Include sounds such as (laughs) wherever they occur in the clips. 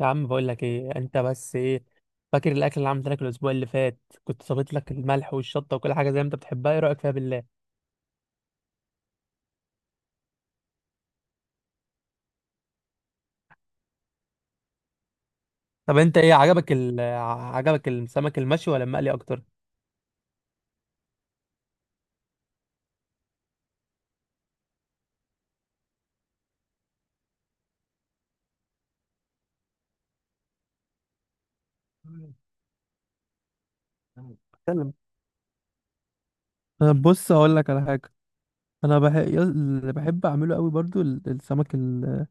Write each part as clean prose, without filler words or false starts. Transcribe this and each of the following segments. يا عم، بقول لك ايه؟ انت بس ايه، فاكر الاكل اللي عملت لك الاسبوع اللي فات؟ كنت صابت لك الملح والشطه وكل حاجه زي ما انت بتحبها. ايه رايك فيها بالله؟ طب انت ايه عجبك، عجبك السمك المشوي ولا المقلي اكتر؟ اتكلم. أنا بص اقول لك على حاجه. انا اللي بحب اعمله قوي برضو، السمك ال-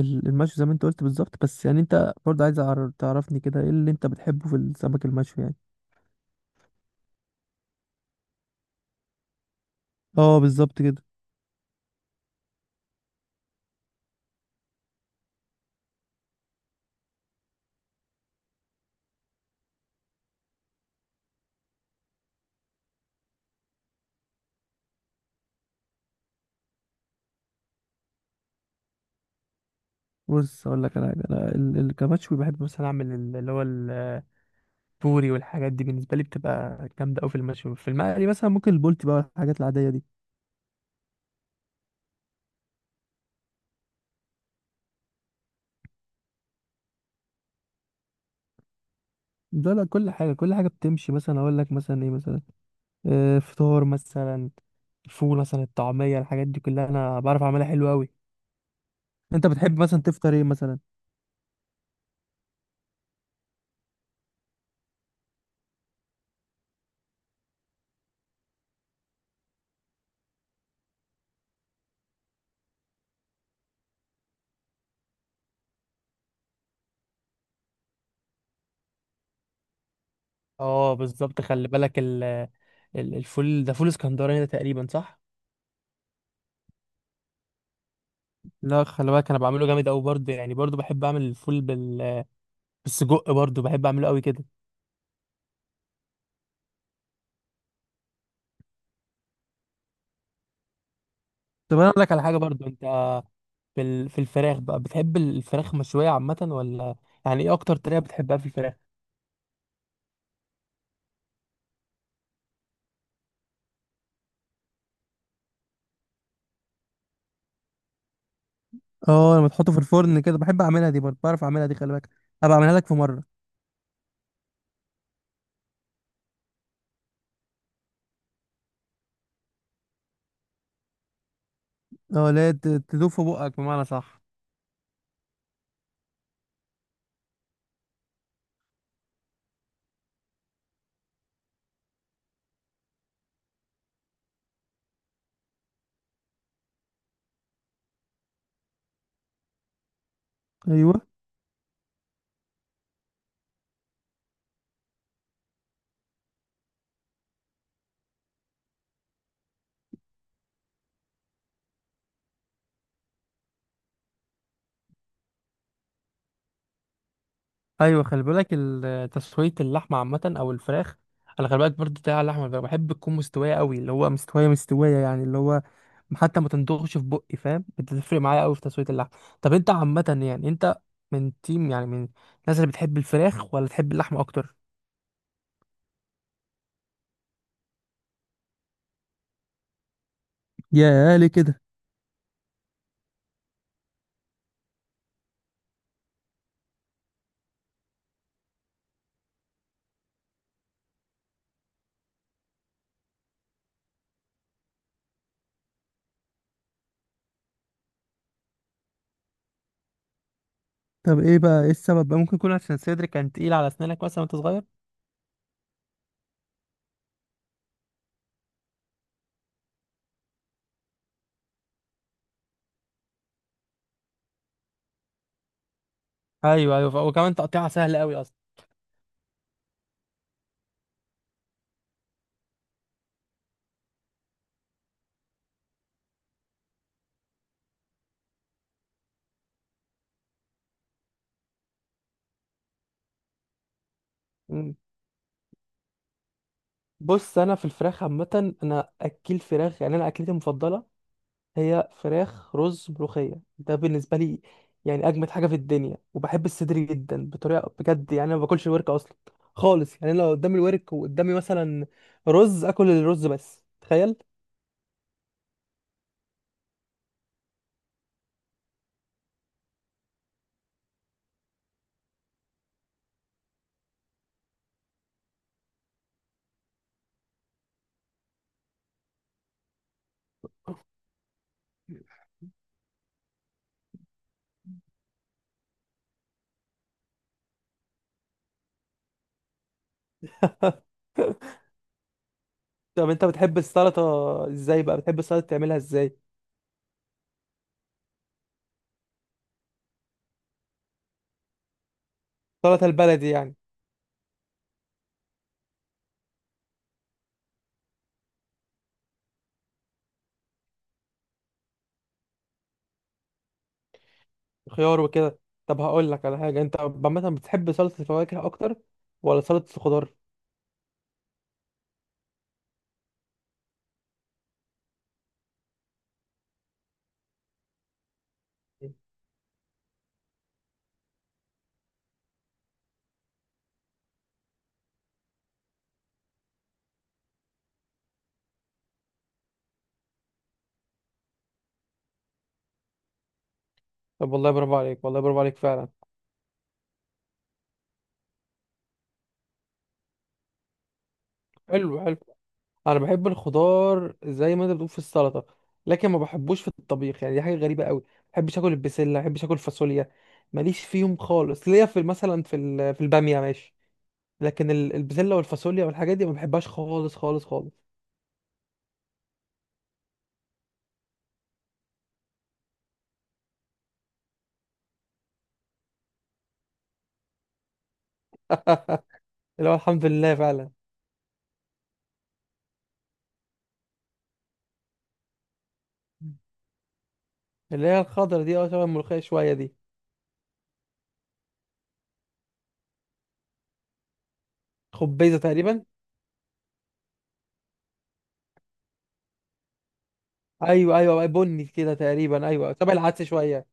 ال- المشوي زي ما انت قلت بالظبط. بس يعني انت برضو عايز تعرفني كده ايه اللي انت بتحبه في السمك المشوي يعني. اه بالظبط كده. بص اقول لك على حاجه، انا كمشوي بحب مثلا اعمل اللي هو بوري والحاجات دي، بالنسبه لي بتبقى جامده قوي في المشوي. في المقلي مثلا ممكن البولتي بقى، الحاجات العاديه دي. ده لا، كل حاجه كل حاجه بتمشي. مثلا اقول لك مثلا ايه، مثلا فطار مثلا، الفول مثلا، الطعميه، الحاجات دي كلها انا بعرف اعملها حلو قوي. انت بتحب مثلا تفطر ايه مثلا؟ اه بالظبط، خلي بالك الفول ده فول اسكندراني ده تقريبا، صح؟ لا، خلي بالك انا بعمله جامد قوي برضه، يعني برضه بحب اعمل الفول بالسجق. برضه بحب اعمله قوي كده. طب انا اقول لك على حاجه برضه انت، في الفراخ بقى، بتحب الفراخ مشوية عامة ولا؟ يعني ايه اكتر طريقة بتحبها في الفراخ؟ اه، لما تحطه في الفرن كده بحب اعملها دي، برضه بعرف اعملها دي، خلي بالك. ابقى اعملها لك في مره. اه لا، تدوب في بقك بمعنى، صح. ايوه، ايوه، خلي بالك تسوية اللحمة عامة او الفراخ. انا خلي بالك برضه بتاع اللحمة الفراخ، بحب تكون مستوية قوي، اللي هو مستوية مستوية يعني، اللي هو حتى ما تندغش في بقي. فاهم؟ بتفرق معايا قوي في تسوية اللحمة. طب انت عامة يعني انت من تيم، يعني من الناس اللي بتحب الفراخ ولا تحب اللحمة اكتر؟ يا، ليه كده؟ طب ايه بقى، ايه السبب بقى؟ ممكن يكون عشان صدري كان تقيل على اسنانك مثلا وانت صغير؟ ايوه، ايوه، وكمان تقطيعها سهل قوي اصلا. مم. بص انا في الفراخ عامه انا اكل فراخ. يعني انا اكلتي المفضله هي فراخ رز ملوخيه، ده بالنسبه لي يعني اجمد حاجه في الدنيا. وبحب الصدر جدا بطريقه بجد، يعني انا ما باكلش الورك اصلا خالص. يعني أنا لو قدامي الورك وقدامي مثلا رز، اكل الرز بس، تخيل. (laughs) طب انت بتحب السلطه؟ ازاي بقى بتحب السلطه؟ تعملها ازاي؟ السلطه البلدي يعني خيار وكده؟ طب هقول لك على حاجه، انت عامه بتحب سلطه الفواكه اكتر ولا سلطه الخضار؟ طب والله برافو عليك، والله برافو عليك فعلا. حلو حلو. انا بحب الخضار زي ما انت بتقول في السلطه، لكن ما بحبوش في الطبيخ. يعني دي حاجه غريبه قوي. ما بحبش اكل البسله، ما بحبش اكل فاصوليا، ماليش فيهم خالص. ليا في مثلا في الباميه ماشي، لكن البسله والفاصوليا والحاجات دي ما بحبهاش خالص خالص خالص. اللي هو الحمد لله فعلا. اللي هي الخضره دي، اه شبه الملوخيه شويه دي؟ خبيزه تقريبا؟ ايوه ايوه بني كده تقريبا، ايوه شبه العدس شويه.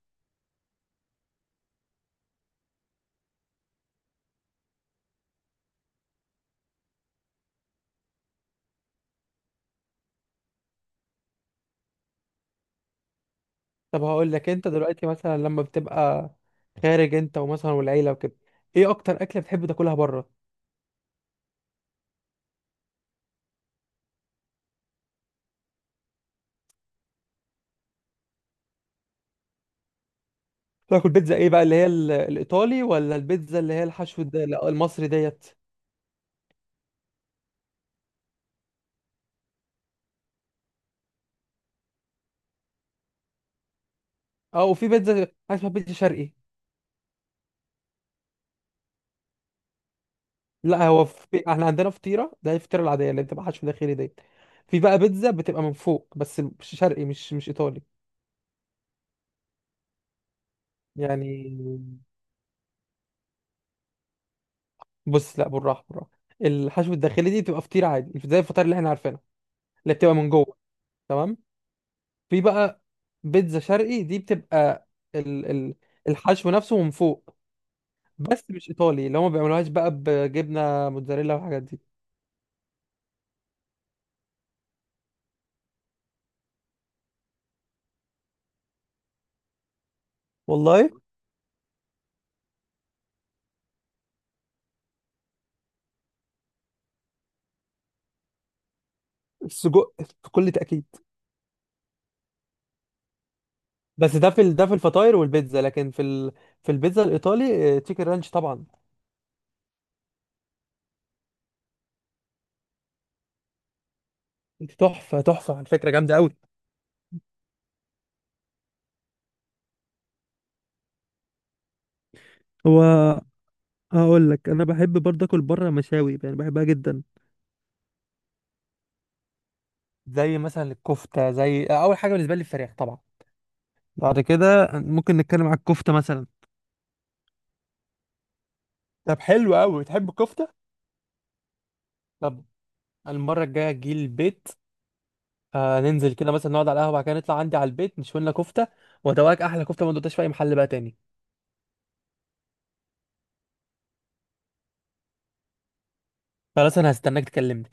طب هقول لك، انت دلوقتي مثلا لما بتبقى خارج انت ومثلا والعيله وكده، ايه اكتر اكله بتحب تاكلها بره؟ تاكل بيتزا؟ ايه بقى، اللي هي الايطالي ولا البيتزا اللي هي الحشو ده؟ لا، المصري ديت. اه، وفي بيتزا حاجه اسمها بيتزا شرقي. لا هو احنا عندنا فطيره، ده هي الفطيره العاديه اللي بتبقى حشو داخلي ديت. في بقى بيتزا بتبقى من فوق بس، مش شرقي، مش ايطالي يعني. بص، لا، بالراحه بالراحه. الحشو الداخلي دي بتبقى فطيره عادي زي الفطار اللي احنا عارفينها، اللي بتبقى من جوه، تمام. في بقى بيتزا شرقي، دي بتبقى ال ال الحشو نفسه من فوق، بس مش ايطالي اللي هم ما بيعملوهاش بقى بجبنه موتزاريلا والحاجات دي. والله؟ السجق، بكل تاكيد. بس ده في ده في الفطاير والبيتزا، لكن في البيتزا الايطالي، تشيكن رانش طبعا. تحفه تحفه على فكره، جامده قوي. هو هقول لك انا بحب برضه اكل بره مشاوي يعني، بحبها جدا. زي مثلا الكفته، زي اول حاجه بالنسبه لي الفراخ طبعا، بعد كده ممكن نتكلم على الكفته مثلا. طب حلو قوي، بتحب الكفته؟ طب المره الجايه تجي البيت، ننزل كده مثلا نقعد على القهوه، بعد كده نطلع عندي على البيت نشوي لنا كفته وادوقك احلى كفته ما دوقتهاش في اي محل بقى تاني. خلاص، انا هستناك تكلمني.